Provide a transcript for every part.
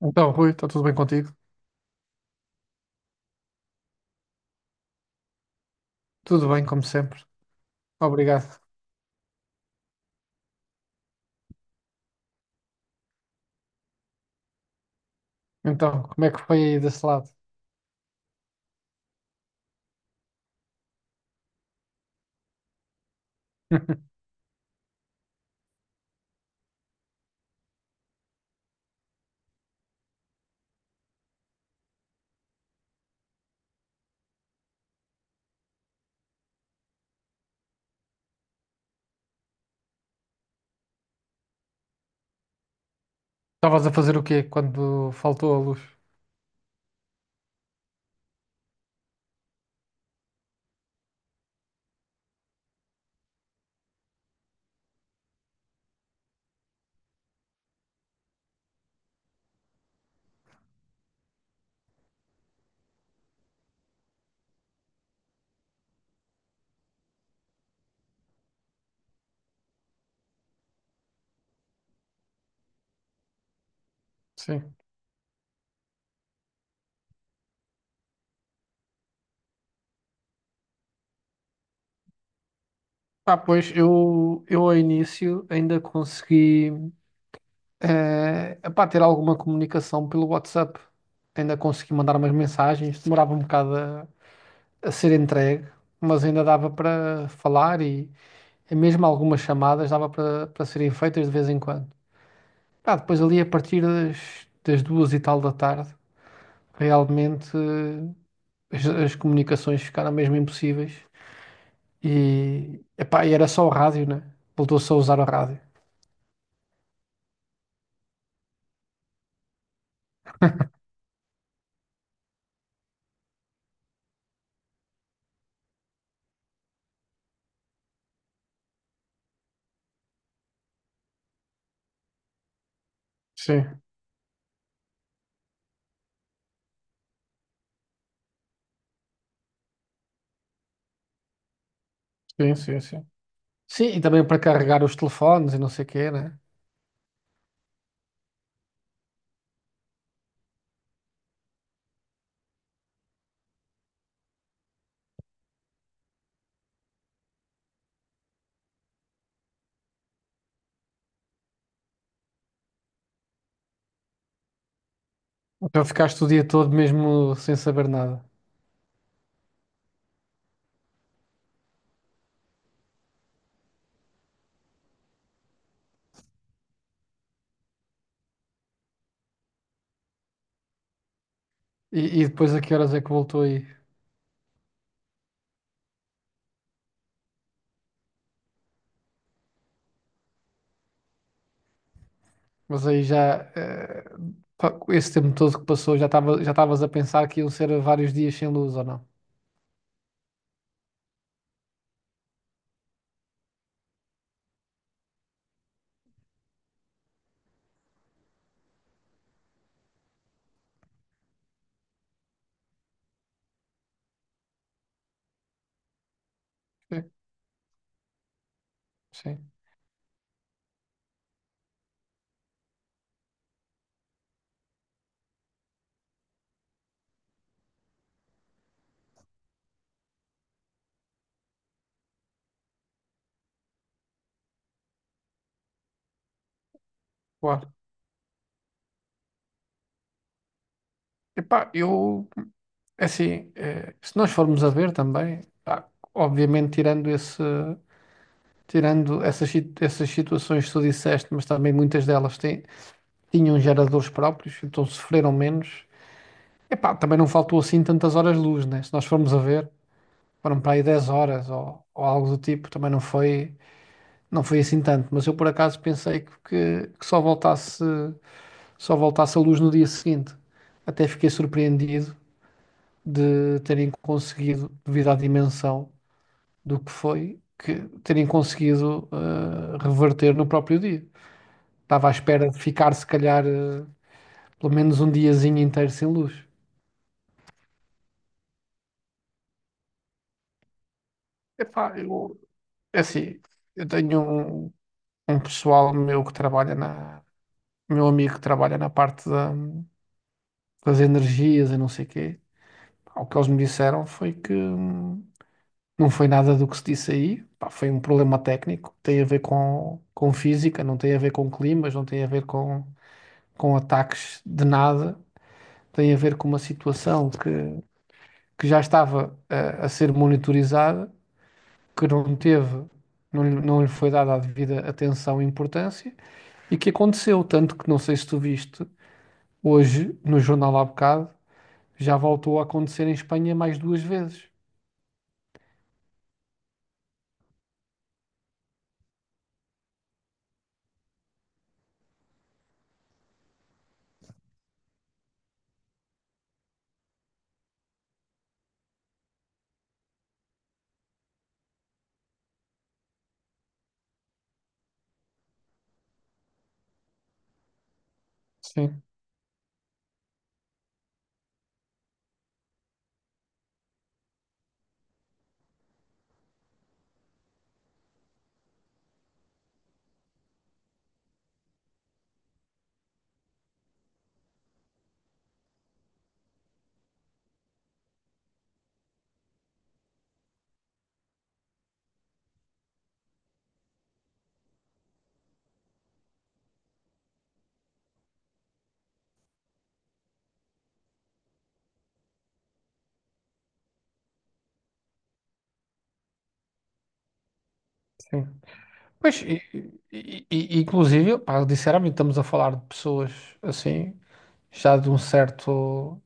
Então, Rui, está tudo bem contigo? Tudo bem, como sempre. Obrigado. Então, como é que foi aí desse lado? Estavas a fazer o quê quando faltou a luz? Sim. Ah, pois, eu ao início ainda consegui ter alguma comunicação pelo WhatsApp. Ainda consegui mandar umas mensagens, demorava um bocado a ser entregue, mas ainda dava para falar e mesmo algumas chamadas dava para serem feitas de vez em quando. Ah, depois ali a partir das duas e tal da tarde, realmente as comunicações ficaram mesmo impossíveis. E era só o rádio, né? Voltou-se a usar o rádio. Sim, sim, sim, sim. Sim, e também para carregar os telefones e não sei o quê, né? Então ficaste o dia todo mesmo sem saber nada. E depois a que horas é que voltou aí? Mas aí já, pá, esse tempo todo que passou, já estava, já estavas a pensar que iam ser vários dias sem luz ou não? Sim, sim, claro. Epá, eu é assim, eh, se nós formos a ver também, pá, obviamente tirando esse, tirando essas, essas situações que tu disseste, mas também muitas delas têm, tinham geradores próprios, então sofreram menos. Epá, também não faltou assim tantas horas-luz, né? Se nós formos a ver, foram para aí 10 horas ou algo do tipo, também não foi, não foi assim tanto. Mas eu por acaso pensei que só voltasse a luz no dia seguinte. Até fiquei surpreendido de terem conseguido, devido à dimensão do que foi, que terem conseguido reverter no próprio dia. Estava à espera de ficar, se calhar, eh, pelo menos um diazinho inteiro sem luz. Epá, eu, é assim, eu tenho um, um pessoal meu que trabalha meu amigo que trabalha na parte das energias e não sei quê. Pá, o que eles me disseram foi que não foi nada do que se disse aí. Pá, foi um problema técnico, tem a ver com física, não tem a ver com climas, não tem a ver com ataques de nada. Tem a ver com uma situação que já estava a ser monitorizada, que não teve, não, não lhe foi dada a devida atenção e importância e que aconteceu, tanto que não sei se tu viste, hoje no jornal há bocado, já voltou a acontecer em Espanha mais duas vezes. Sim, sim. Pois, e inclusive, pá, sinceramente, estamos a falar de pessoas assim, já de um certo,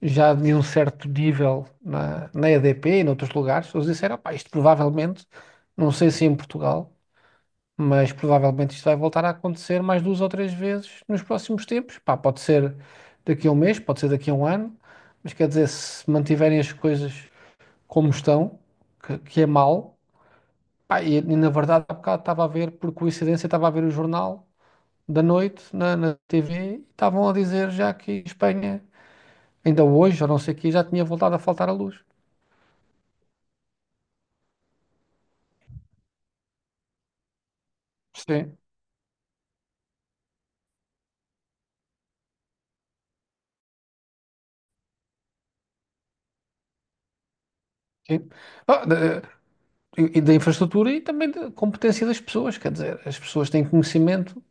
já de um certo nível na EDP e noutros lugares. Eles disseram, pá, isto provavelmente, não sei se em Portugal, mas provavelmente isto vai voltar a acontecer mais duas ou três vezes nos próximos tempos. Pá, pode ser daqui a um mês, pode ser daqui a um ano, mas quer dizer, se mantiverem as coisas como estão, que é mal, pá, e na verdade há bocado estava a ver, por coincidência, estava a ver o jornal da noite na TV e estavam a dizer já que Espanha, ainda hoje, ou não sei o que, já tinha voltado a faltar a luz. Sim, sim. Ah, e da infraestrutura e também da competência das pessoas, quer dizer, as pessoas têm conhecimento,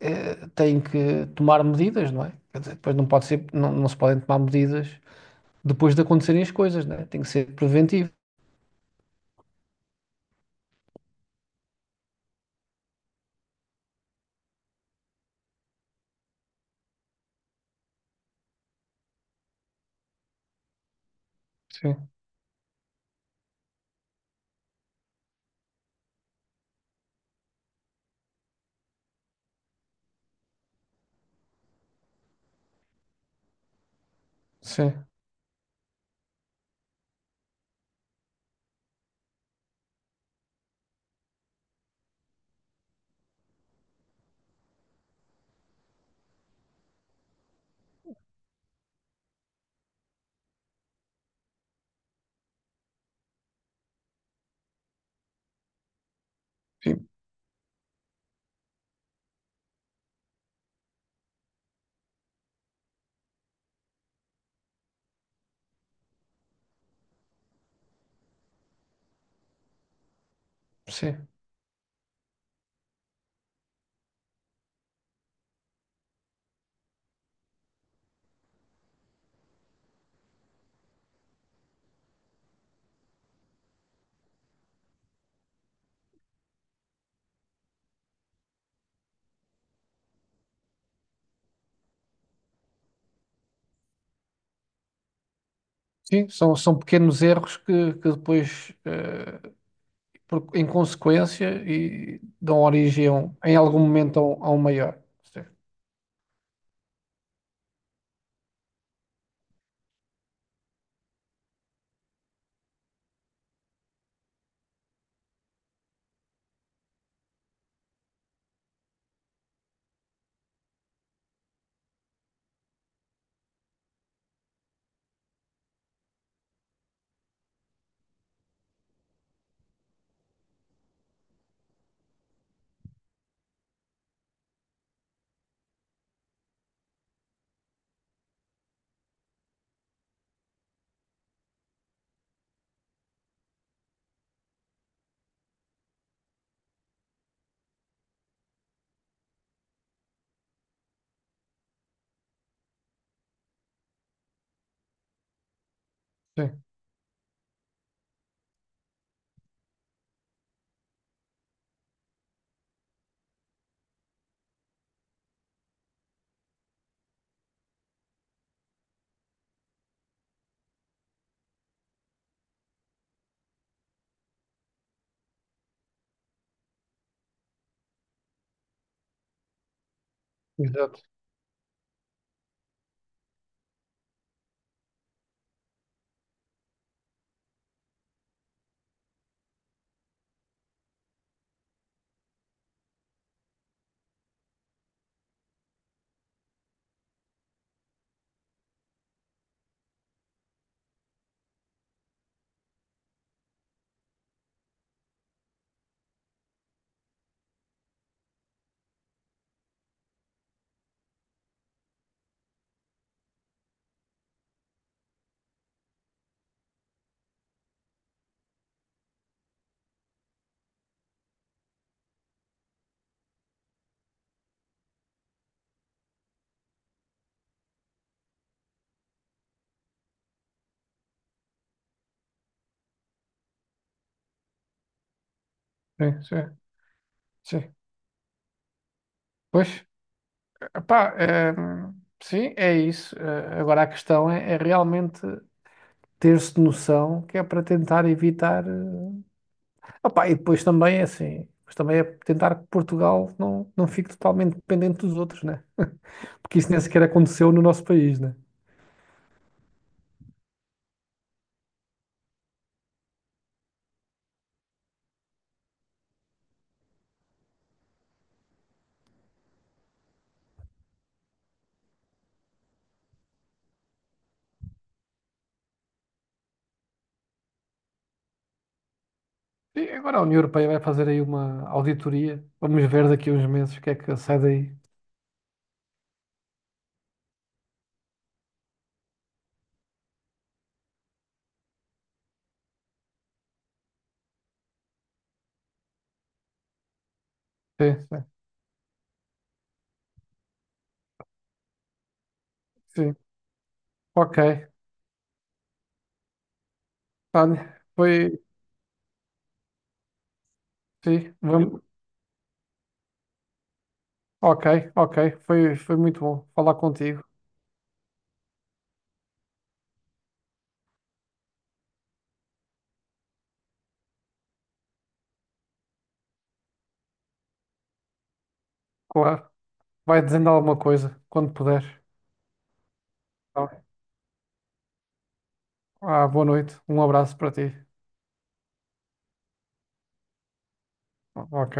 eh, têm que tomar medidas, não é? Quer dizer, depois não pode ser, não, não se podem tomar medidas depois de acontecerem as coisas, não é? Tem que ser preventivo. Sim, sim, sim, sim. Sim, são, são pequenos erros que depois, eh, em consequência, e dão origem a em algum momento a um maior. Sim, sim, exato. Sim, sim, sim. Pois. Epá, eh, sim, é isso. Eh, agora a questão é, é realmente ter-se noção que é para tentar evitar. Eh, epá, e depois também é assim, mas também é tentar que Portugal não, não fique totalmente dependente dos outros, né? Porque isso nem sequer aconteceu no nosso país, né? E agora a União Europeia vai fazer aí uma auditoria. Vamos ver daqui a uns meses o que é que sai daí. Sim, sim, sim. Ok. Tânia, foi. Sim, vamos. Ok, ok. Foi, foi muito bom falar contigo. Claro. Vai dizendo alguma coisa quando puder. Tá bem? Ah, boa noite. Um abraço para ti. Ok.